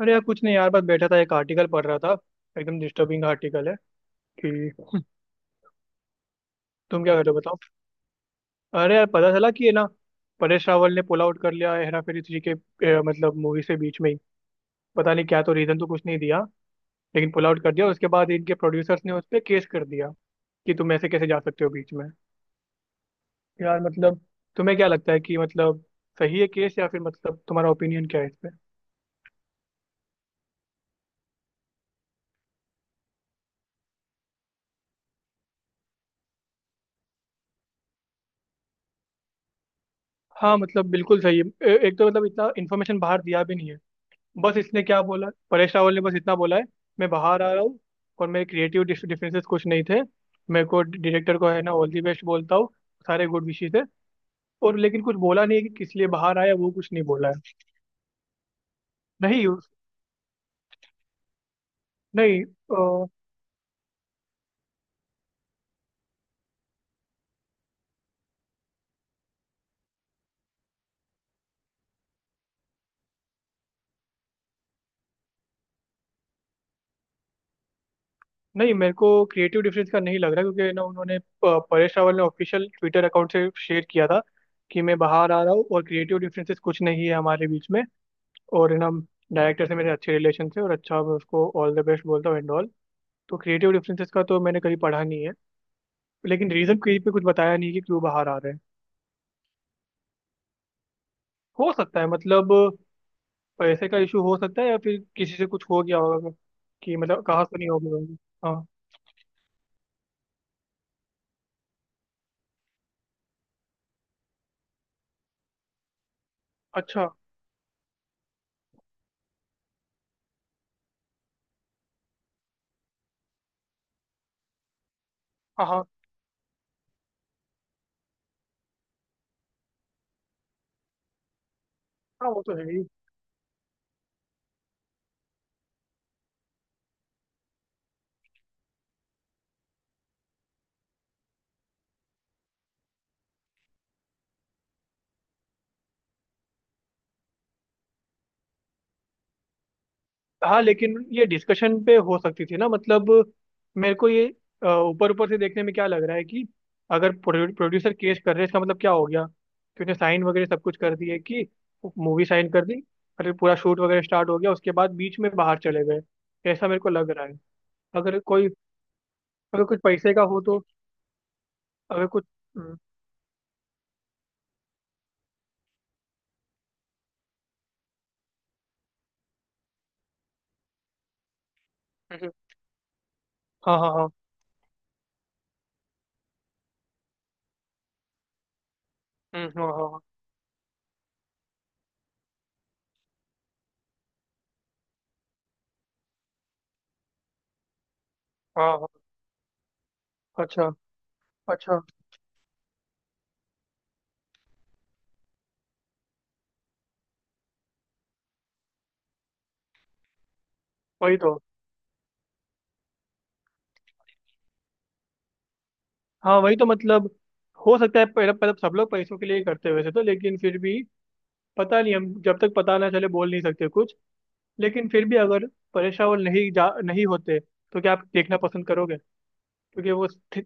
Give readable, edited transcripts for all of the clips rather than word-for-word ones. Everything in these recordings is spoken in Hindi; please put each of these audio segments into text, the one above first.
अरे यार कुछ नहीं यार, बस बैठा था, एक आर्टिकल पढ़ रहा था। एकदम डिस्टर्बिंग आर्टिकल है कि। तुम क्या कर रहे हो बताओ। अरे यार पता चला कि है ना, परेश रावल ने पुल आउट कर लिया है हेरा फेरी थ्री के, मतलब मूवी से, बीच में ही। पता नहीं क्या तो, रीजन तो कुछ नहीं दिया लेकिन पुल आउट कर दिया। उसके बाद इनके प्रोड्यूसर्स ने उस पर केस कर दिया कि तुम ऐसे कैसे जा सकते हो बीच में। यार मतलब, तुम्हें क्या लगता है कि, मतलब सही है केस, या फिर मतलब तुम्हारा ओपिनियन क्या है इस पे। हाँ मतलब बिल्कुल सही है। एक तो मतलब इतना इन्फॉर्मेशन बाहर दिया भी नहीं है। बस इसने क्या बोला, परेश रावल ने बस इतना बोला है, मैं बाहर आ रहा हूँ और मेरे क्रिएटिव डिफरेंसेस कुछ नहीं थे। मेरे को डायरेक्टर को है ना, ऑल दी बेस्ट बोलता हूँ, सारे गुड विशेस है। और लेकिन कुछ बोला नहीं है कि किस लिए बाहर आया, वो कुछ नहीं बोला है। नहीं उस- नहीं नहीं मेरे को क्रिएटिव डिफरेंस का नहीं लग रहा, क्योंकि ना उन्होंने परेश रावल ने ऑफिशियल ट्विटर अकाउंट से शेयर किया था कि मैं बाहर आ रहा हूँ और क्रिएटिव डिफरेंसेस कुछ नहीं है हमारे बीच में। और है ना, डायरेक्टर से मेरे अच्छे रिलेशन थे और अच्छा, मैं उसको ऑल द बेस्ट बोलता हूँ एंड ऑल। तो क्रिएटिव डिफरेंसेस का तो मैंने कहीं पढ़ा नहीं है। लेकिन रीजन कहीं पे कुछ बताया नहीं कि क्यों बाहर आ रहे हैं। हो सकता है मतलब, पैसे का इशू हो सकता है, या फिर किसी से कुछ हो गया होगा कि, मतलब कहा सुनी होगी होगी। हाँ। अच्छा। हाँ, हाँ, हाँ वो तो है ही। हाँ लेकिन ये डिस्कशन पे हो सकती थी ना मतलब। मेरे को ये ऊपर ऊपर से देखने में क्या लग रहा है कि, अगर प्रोड्यूसर केस कर रहे हैं, इसका मतलब क्या हो गया कि उसने साइन वगैरह सब कुछ कर दिए कि, मूवी साइन कर दी। अरे पूरा शूट वगैरह स्टार्ट हो गया, उसके बाद बीच में बाहर चले गए, ऐसा मेरे को लग रहा है। अगर कोई, अगर कुछ पैसे का हो तो। अगर कुछ। हम्म, हम्म, हाँ, हाँ, हाँ। हाँ, हाँ, हाँ, हाँ, हाँ। अच्छा। अच्छा। वही तो। हाँ वही तो मतलब, हो सकता है पहले, मतलब सब लोग पैसों के लिए ही करते हैं वैसे तो, लेकिन फिर भी। पता नहीं, हम जब तक पता ना चले बोल नहीं सकते कुछ। लेकिन फिर भी अगर, परेश रावल नहीं, जा नहीं होते तो क्या आप देखना पसंद करोगे, क्योंकि वो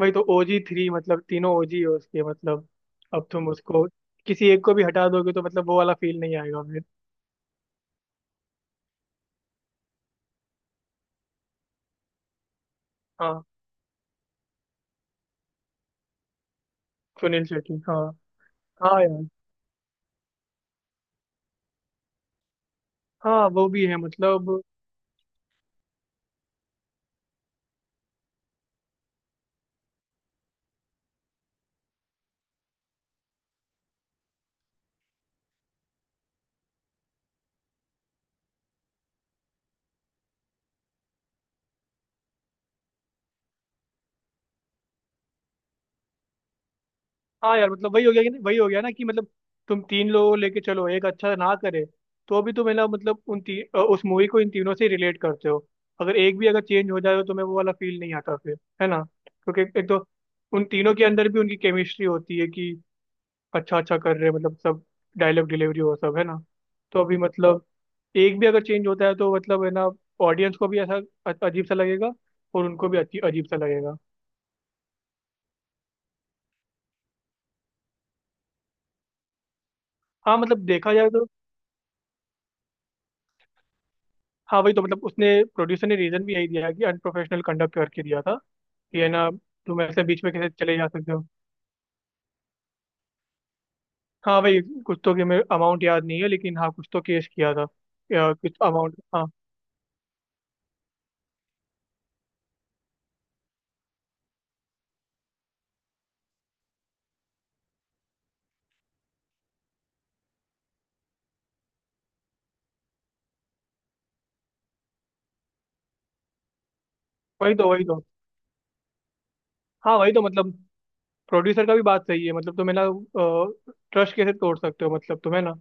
वही तो, ओजी थ्री, मतलब तीनों ओजी है उसके मतलब। अब तुम उसको, किसी एक को भी हटा दोगे तो मतलब, वो वाला फील नहीं आएगा फिर। हाँ। सुनील शेट्टी, हाँ। हाँ यार, हाँ वो भी है मतलब। हाँ यार मतलब, वही हो गया कि नहीं, वही हो गया ना कि मतलब। तुम तीन लोगों को लेके चलो, एक अच्छा ना करे तो भी, तुम है ना मतलब, उन उस मूवी को इन तीनों से रिलेट करते हो। अगर एक भी अगर चेंज हो जाए तो तुम्हें वो वाला फील नहीं आता फिर, है ना। क्योंकि एक तो उन तीनों के अंदर भी उनकी केमिस्ट्री होती है कि, अच्छा अच्छा कर रहे हैं मतलब, सब डायलॉग डिलीवरी हो, सब है ना। तो अभी मतलब, एक भी अगर चेंज होता है तो मतलब है ना, ऑडियंस को भी ऐसा अजीब सा लगेगा, और उनको भी अच्छी अजीब सा लगेगा। हाँ मतलब, देखा जाए तो। हाँ वही तो मतलब, उसने, प्रोड्यूसर ने रीजन भी यही दिया है कि अनप्रोफेशनल कंडक्ट करके दिया था कि, है ना, तुम ऐसे बीच में कैसे चले जा सकते हो। हाँ वही, कुछ तो, कि मैं अमाउंट याद नहीं है, लेकिन हाँ कुछ तो केस किया था। या कुछ अमाउंट, हाँ। वही तो, वही तो, हाँ वही तो मतलब, प्रोड्यूसर का भी बात सही है। मतलब तुम्हें ना, ट्रस्ट कैसे तोड़ सकते हो, मतलब तुम्हें ना,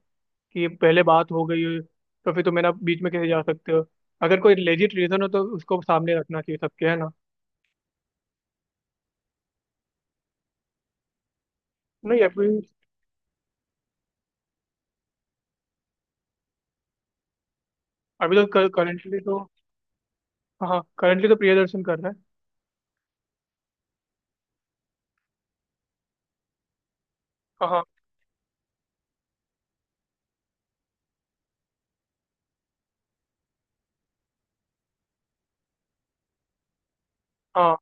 कि पहले बात हो गई है, तो फिर तुम्हें ना बीच में कैसे जा सकते हो। अगर कोई लेजिट रीजन हो तो उसको सामने रखना चाहिए सबके, है ना। नहीं अभी, अभी तो करंटली तो। हाँ करंटली तो प्रियदर्शन कर रहा है। हाँ। हाँ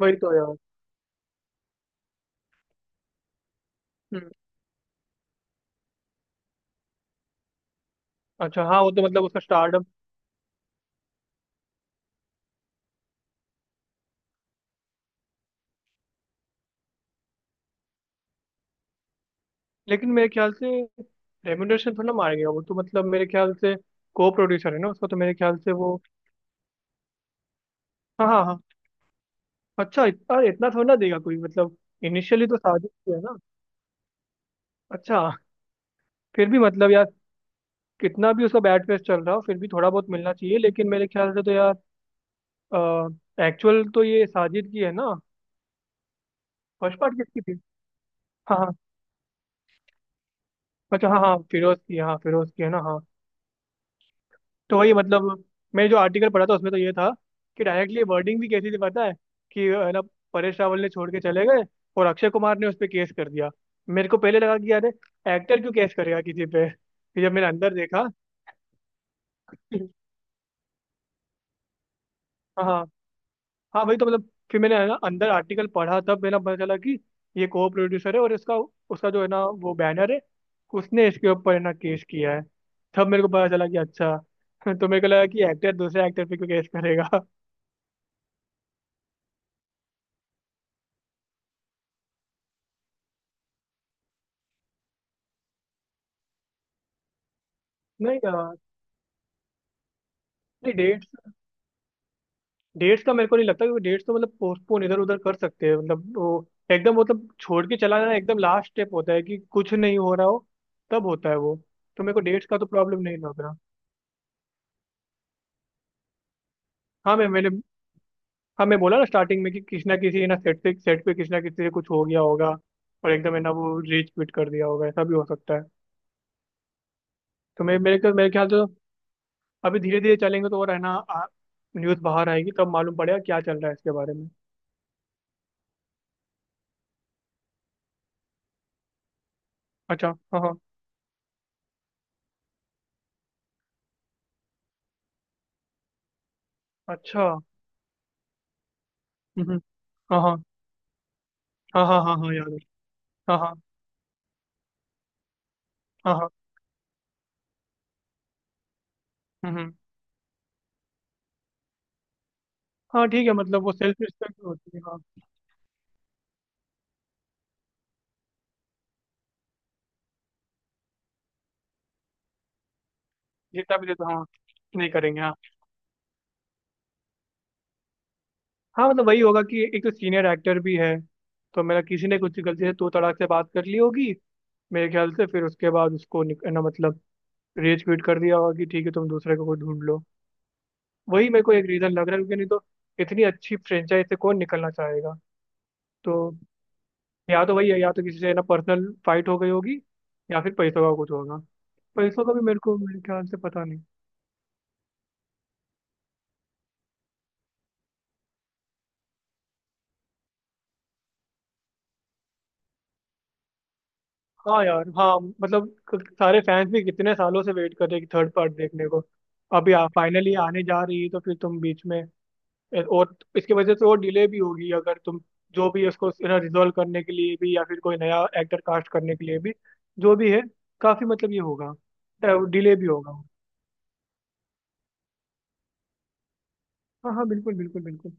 वही तो यार। हम्म अच्छा हाँ, वो तो मतलब उसका स्टार्टअप। लेकिन मेरे ख्याल से रेम्यूनरेशन थोड़ा मारेगा वो तो, मतलब मेरे ख्याल से, को प्रोड्यूसर है ना उसका, तो मेरे ख्याल से वो। हाँ, हाँ, हाँ। अच्छा अरे इतना थोड़ा ना देगा कोई, मतलब इनिशियली तो साजिश ही है ना। अच्छा। फिर भी मतलब यार, कितना भी उसका बैड फेस चल रहा हो, फिर भी थोड़ा बहुत मिलना चाहिए। लेकिन मेरे ख्याल से तो यार, एक्चुअल तो ये साजिद की है ना। फर्स्ट पार्ट किसकी थी। हाँ हाँ। अच्छा हाँ हाँ, फिरोज की, हाँ फिरोज की है ना, हाँ। तो वही मतलब, मैं जो आर्टिकल पढ़ा था उसमें तो ये था कि, डायरेक्टली वर्डिंग भी कैसी थी पता है कि, है ना, परेश रावल ने छोड़ के चले गए और अक्षय कुमार ने उस पर केस कर दिया। मेरे को पहले लगा कि यार, एक्टर क्यों केस करेगा किसी पे, फिर जब मैंने अंदर देखा हाँ, हाँ। हाँ भाई तो मतलब, फिर मैंने है ना अंदर आर्टिकल पढ़ा, तब मेरा पता चला कि, ये को प्रोड्यूसर है और इसका, उसका जो है ना वो बैनर है, उसने इसके ऊपर है ना केस किया है। तब मेरे को पता चला कि अच्छा तो मेरे को लगा कि एक्टर दूसरे एक्टर पे क्यों केस करेगा नहीं यार, डेट, डेट्स का मेरे को नहीं लगता, क्योंकि डेट्स तो मतलब पोस्टपोन इधर उधर कर सकते हैं, मतलब वो एकदम मतलब, छोड़ के चला जाना एकदम लास्ट स्टेप होता है कि, कुछ नहीं हो रहा हो तब होता है वो। तो मेरे को डेट्स का तो प्रॉब्लम नहीं लग रहा। हाँ मैंने, हाँ मैं बोला ना स्टार्टिंग में कि, किसी ना सेट पे किसी ना किसी से कुछ हो गया होगा, और एकदम है ना वो रीच क्विट कर दिया होगा, ऐसा भी हो सकता है। तो मैं, मेरे मेरे ख्याल से तो, अभी धीरे धीरे चलेंगे तो और है ना, न्यूज़ बाहर आएगी तब मालूम पड़ेगा क्या चल रहा है इसके बारे में। अच्छा। हाँ हाँ। अच्छा। हम्म, हाँ, हाँ, हाँ, हाँ, हाँ, हाँ याद है। हाँ, हाँ, हाँ, हाँ। हम्म। हम्म। हाँ ठीक है, मतलब वो सेल्फ रिस्पेक्ट होती है, हाँ। जितना भी देता, हाँ, नहीं करेंगे, हाँ। हाँ मतलब वही होगा कि, एक तो सीनियर एक्टर भी है, तो मेरा किसी ने कुछ गलती से तू तड़ाक से बात कर ली होगी, मेरे ख्याल से, फिर उसके बाद उसको ना मतलब रेज क्विट कर दिया होगा कि, ठीक है तुम दूसरे को कोई ढूंढ लो। वही मेरे को एक रीजन लग रहा है, क्योंकि नहीं तो इतनी अच्छी फ्रेंचाइज से कौन निकलना चाहेगा। तो या तो वही है, या तो किसी से ना पर्सनल फाइट हो गई होगी, या फिर पैसों का कुछ होगा। पैसों का भी मेरे को, मेरे ख्याल से पता नहीं। हाँ यार, हाँ मतलब, सारे फैंस भी कितने सालों से वेट कर रहे हैं कि थर्ड पार्ट देखने को। अभी फाइनली आने जा रही है, तो फिर तुम बीच में और इसकी वजह से और डिले भी होगी, अगर तुम, जो भी उसको रिजोल्व करने के लिए भी, या फिर कोई नया एक्टर कास्ट करने के लिए भी, जो भी है, काफी मतलब ये होगा, डिले भी होगा। हाँ हाँ बिल्कुल बिल्कुल बिल्कुल।